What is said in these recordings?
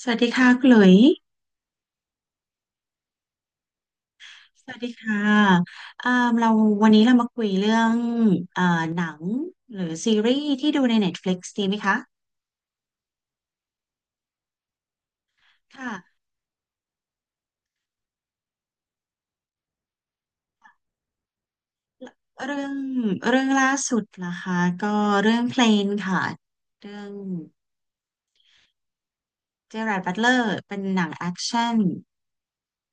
สวัสดีค่ะคุณหลุยสวัสดีค่ะ อ่าเราวันนี้เรามาคุยเรื่อง อ่าหนังหรือซีรีส์ที่ดูใน Netflix ดีไหมคะ ค่ะเรื่องเรื่องล่าสุดนะคะก็เรื่องเพลนค่ะเรื่องเจอราร์ดบัตเลอร์เป็นหนังแอคชั่น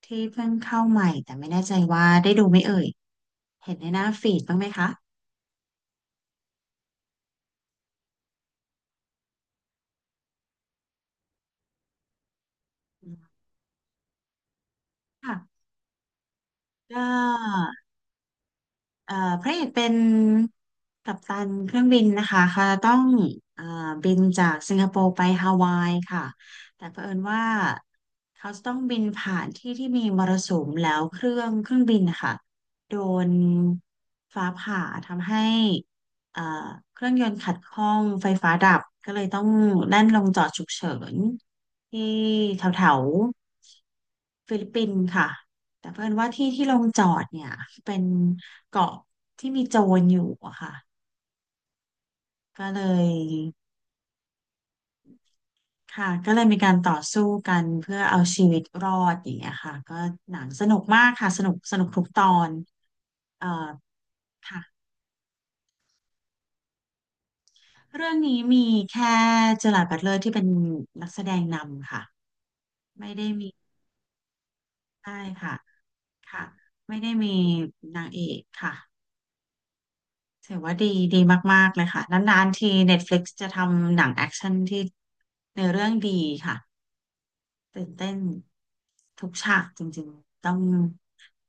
ที่เพิ่งเข้าใหม่แต่ไม่แน่ใจว่าได้ดูไหมเอ่ยเห็นในหน้าฟีดบ้างไหมคะค่ะก็ เอ่อพระเอกเป็นกัปตันเครื่องบินนะคะค่ะต้องเอ่อบินจากสิงคโปร์ไปฮาวายค่ะแต่เผอิญว่าเขาจะต้องบินผ่านที่ที่มีมรสุมแล้วเครื่องบินนะคะโดนฟ้าผ่าทำให้เอ่อเครื่องยนต์ขัดข้องไฟฟ้าดับก็เลยต้องแล่นลงจอดฉุกเฉินที่แถวๆ ฟิลิปปินส์ค่ะแต่เพื่อนว่าที่ที่ลงจอดเนี่ยเป็นเกาะที่มีโจรอยู่อะค่ะก็เลยก็เลยมีการต่อสู้กันเพื่อเอาชีวิตรอดอย่างเงี้ยค่ะก็หนังสนุกมากค่ะสนุกสนุกทุกตอนเอ่อค่ะเรื่องนี้มีแค่เจอราร์ดบัตเลอร์ที่เป็นนักแสดงนำค่ะไม่ได้มีใช่ค่ะค่ะไม่ได้มีนางเอกค่ะ ถือว่าดีดีมากๆเลยค่ะนานๆที Netflix จะทำหนังแอคชั่นที่ในอเรื่องดีค่ะตื่นเต้นทุกฉากจริงๆต้อง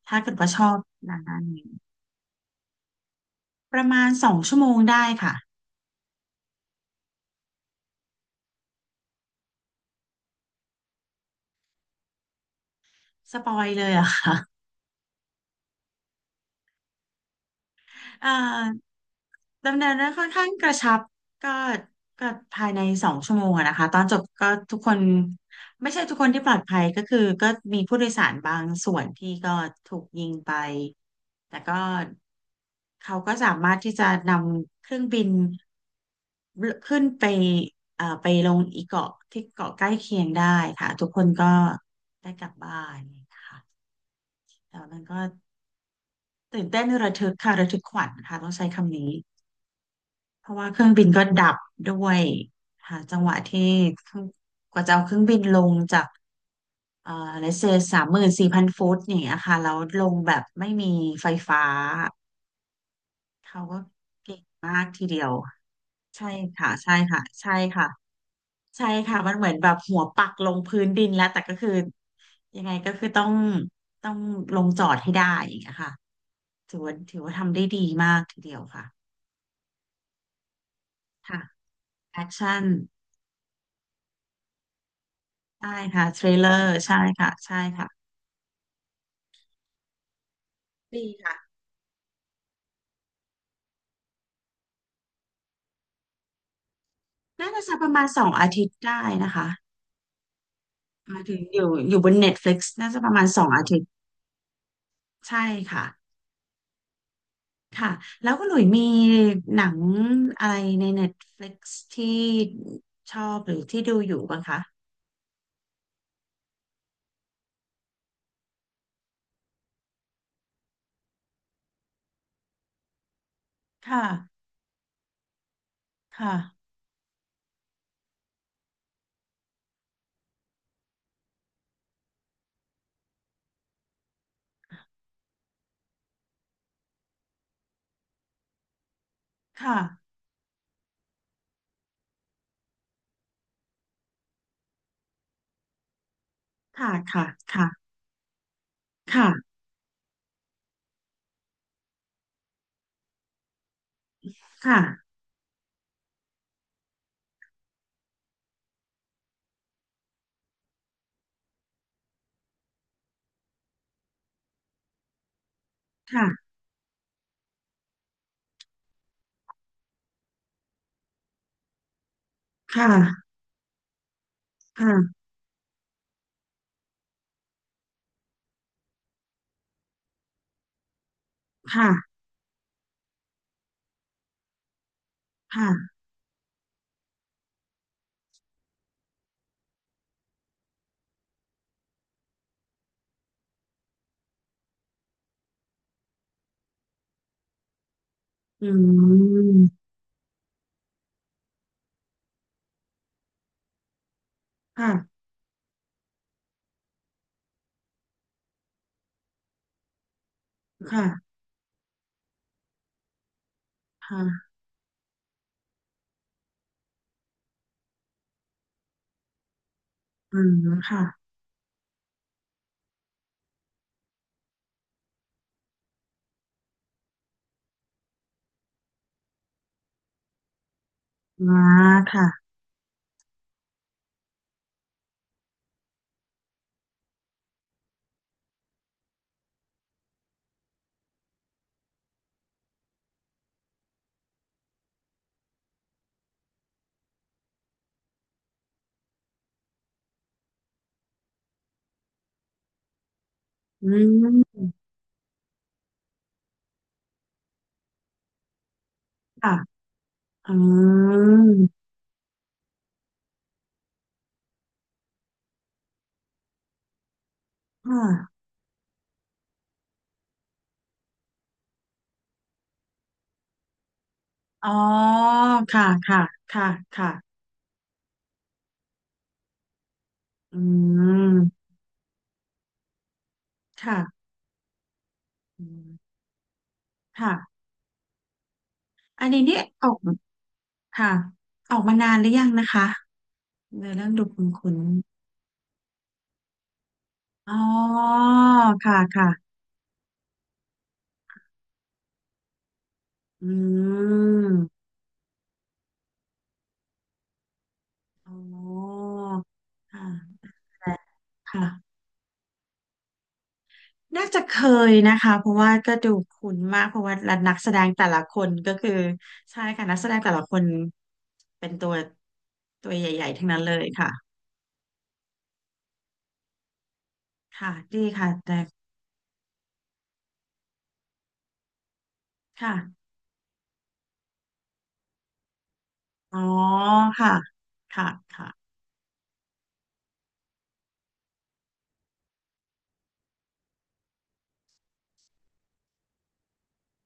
ถ้าเกิดว่าชอบหนังด้านนี้ประมาณสองชั่วโมงได้ค่ะสปอยเลยเหรอะค่ะ เอ่อดำเนินเรื่องค่อนข้างกระชับก็ก็ภายในสองชั่วโมงอะนะคะตอนจบก็ทุกคนไม่ใช่ทุกคนที่ปลอดภัยก็คือก็มีผู้โดยสารบางส่วนที่ก็ถูกยิงไปแต่ก็เขาก็สามารถที่จะนำเครื่องบินขึ้นไปไปลงอีกเกาะที่เกาะใกล้เคียงได้ค่ะทุกคนก็ได้กลับบ้านนะคะแต่มันก็ตื่นเต้นระทึกค่ะระทึกขวัญค่ะต้องใช้คำนี้ เพราะว่าเครื่องบินก็ดับด้วยหาจังหวะที่เครื่องกว่าจะเอาเครื่องบินลงจากเอ่อเลเซ34,000 ฟุตอย่างเงี้ยค่ะแล้วลงแบบไม่มีไฟฟ้าเขาก็ใช่ค่ะใช่ค่ะใช่ค่ะใช่ค่ะมันเหมือนแบบหัวปักลงพื้นดินแล้วแต่ก็คือยังไงก็คือต้องต้องลงจอดให้ได้อย่างเงี้ยค่ะถือว่าทำได้ดีมากทีเดียวค่ะค่ะแอคชั่นได้ค่ะเทรลเลอร์ใช่ค่ะใช่ค่ะดีค่ะ น่าจะสักประมาณ2 อาทิตย์ได้นะคะหมายถึงอยู่บน Netflix น่าจะประมาณ2 อาทิตย์ใช่ค่ะค่ะแล้วก็หลุยมีหนังอะไรใน Netflix ที่ชอบหรือที่ดูอยู่บ้างคะค่ะค่ะค่ะค่ะค่ะค่ะค่ะค่ะค่ะค่ะค่ะค่ะค่ะอืมค่ะค่ะค่ะอืมค่ะมาค่ะอืมค่ะอืมค่ะ อ๋อค่ะ ค่ะ ค่ะค่ะอืมค่ะอืมค่ะ อันนี้นี่ออกค่ะออกมานานหรือยังนะคะในอเรื่องดูคุณอ๋อค่ะค่ะอืมอ๋อค่ะแต่ค่ะน่าจะเคยนะคะเพราะว่าก็ดูคุ้นมากเพราะว่านักแสดงแต่ละคนก็คือใช่ค่ะนักแสดงแต่ละคนเป็นตัวใหญ่ๆ ทั้งนั้นเลยค่ะค่ะดีค่ะ ค่ะอ๋อค่ะค่ะค่ะ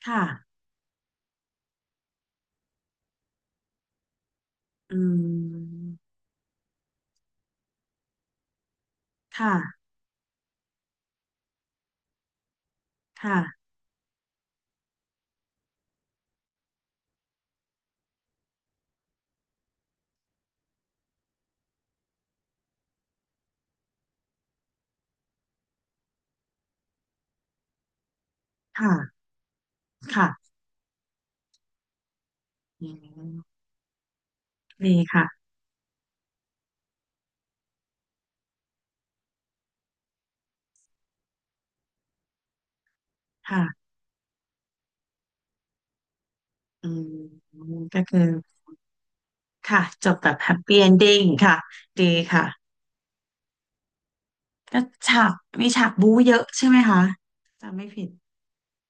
ค่ะอืมค่ะค่ะค่ะค่ะอืมดีค่ะค่ะอืมก็คือค่ะ จบแบบแฮปปี้เอนดิ้งค่ะดีค่ะก็ฉากมีฉากบู๊เยอะใช่ไหมคะจำไม่ผิด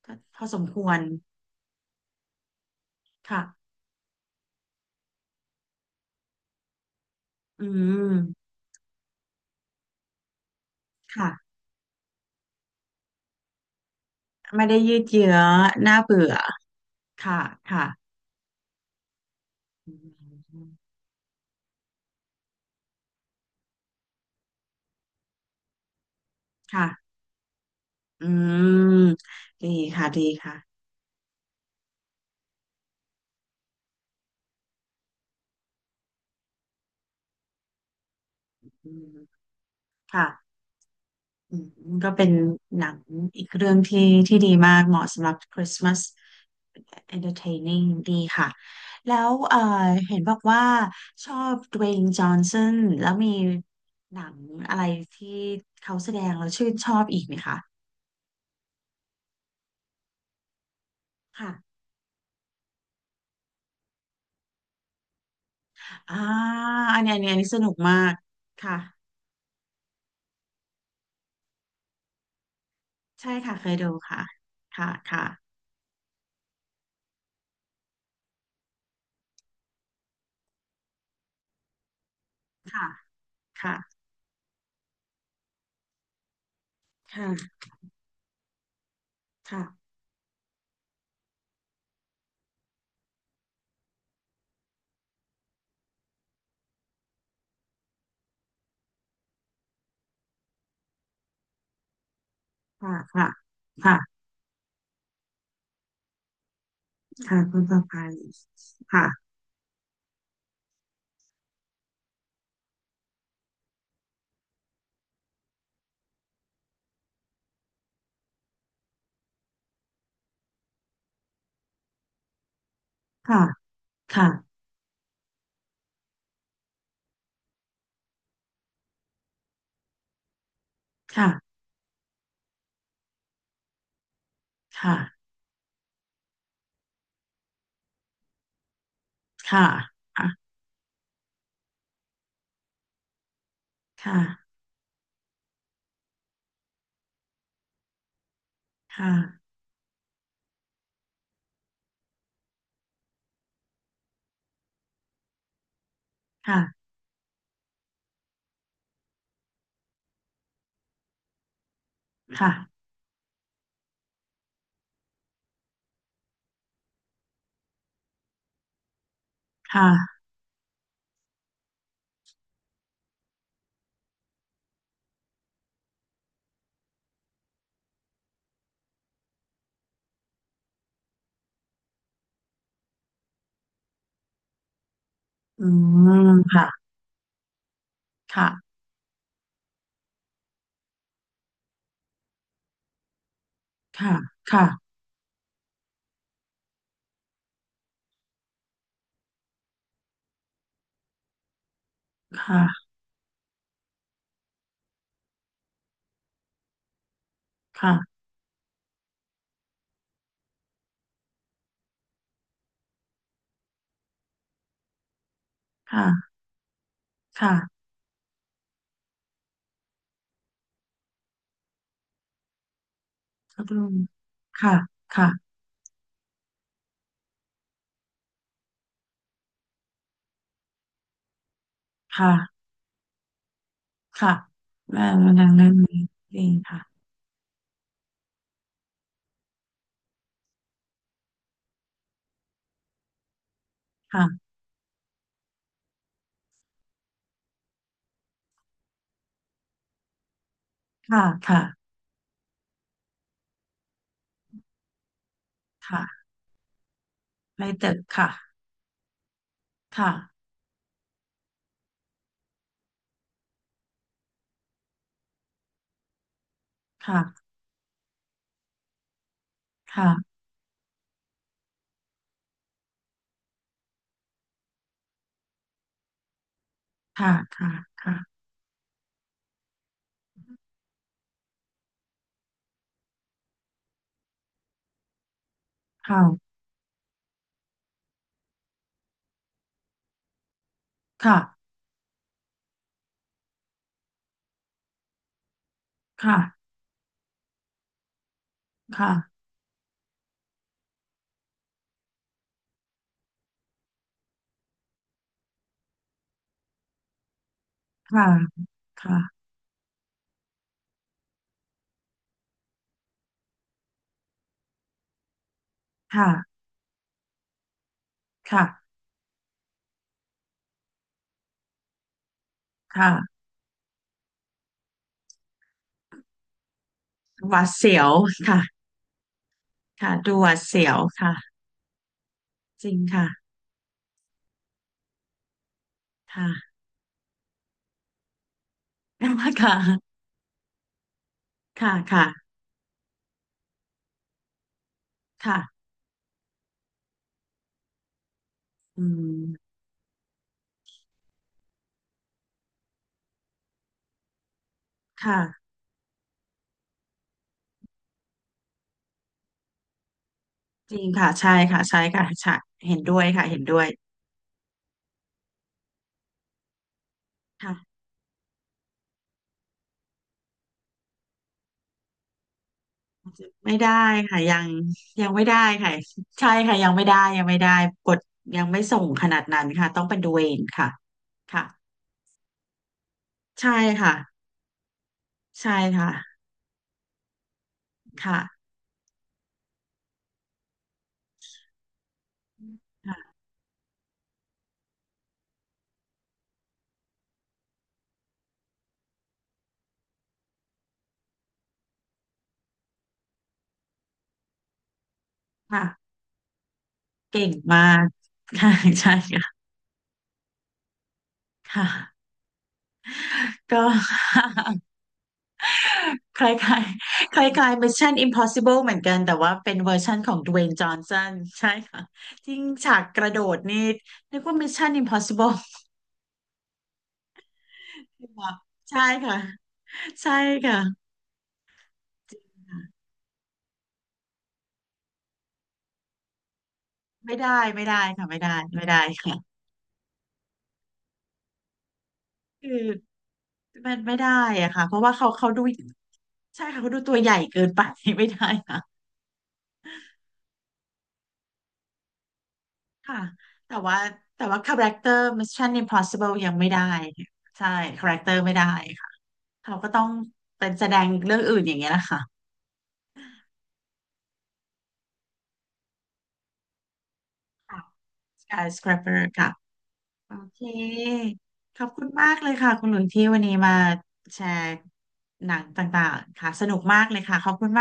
ก็พอสมควรค่ะอืมค่ะไม่ได้ยืดเยื้อน่าเบื่อค่ะค่ะอืมค่ะ อืมดีค่ะดีค่ะอืมค่ะอืมก็เป็นหนังอีกเรื่องที่ที่ดีมากเหมาะสำหรับ Christmas entertaining ดีค่ะแล้วเห็นบอกว่าชอบ Dwayne Johnson แล้วมีหนังอะไรที่เขาแสดงแล้วชื่นชอบอีกไหมคะค่ะอ่าอันนี้สนุกมากค่ะใช่ค่ะเคยดูค่ะค่ะค่ะค่ะค่ะค่ะค่ะ ค่ะค่ะค่ะค่ะคุณประภัยค่ะค่ะค่ะค่ะค่ะค่ะค่ะค่ะค่ะค่ะค่ะอืมค่ะค่ะค่ะค่ะค่ะค่ะค่ะค่ะพัดลมค่ะค่ะค่ะค่ะแม่กำลังเล่นนี้เองค่ะค่ะค่ะค่ะค่ะในตึกค่ะค่ะค่ะค่ะค่ะค่ะค่ะค่ะค่ะค่ะ ค่ะ ค่ะ ค่ะค่ะค่ะค่ะหวาดเสียวค่ะค่ะดูหวาดเสียวค่ะจริงค่ะค่ะ ค่ะค่ะค่ะค่ะอืมค่ะจริงค่ะใช่ค่ะใช่ค่ะใช่เห็นด้วยค่ะเห็นด้วยค่ะไม่ได้ค่ะยังยังไม่ได้ค่ะใช่ค่ะยังไม่ได้ ยังไม่ได้กดยังไม่ส่งขนาดนั้นค่ะต้องเป็นดูเองค่ะค่ะใช่ค่ะใช่ค่ะค่ะค่ะค่ะ เก่งมากใช่ใช่ค่ะ ค่ะก็ คล้ายๆคล้ายๆ Mission Impossible เหมือนกันแต่ว่าเป็นเวอร์ชันของ Dwayne Johnson ใช่ค่ะจริงฉากกระโดดนี่นึกว่า Mission Impossible ใช่ค่ะ ใช่ค่ะ ไม่ได้ไม่ได้ค่ะไม่ได้ไม่ได้ค่ะคือมันไม่ได้อะค่ะ เพราะว่าเขาดูใช่ค่ะเขาดูตัวใหญ่เกินไป ไม่ได้ค่ะ ค่ะแต่ว่าแต่ว่าคาแรคเตอร์ Mission Impossible ยังไม่ได้เนี่ยใช่คาแรคเตอร์ไม่ได้ค่ะเขาก็ต้องเป็นแสดงเรื่องอื่นอย่างเงี้ยนะคะค่ะ Skyscraper ค่ะโอเคขอบคุณมากเลยค่ะคุณหลุยที่วันนี้มาแชร์หนังต่างๆค่ะสนุกมากเลยค่ะขอบคุณ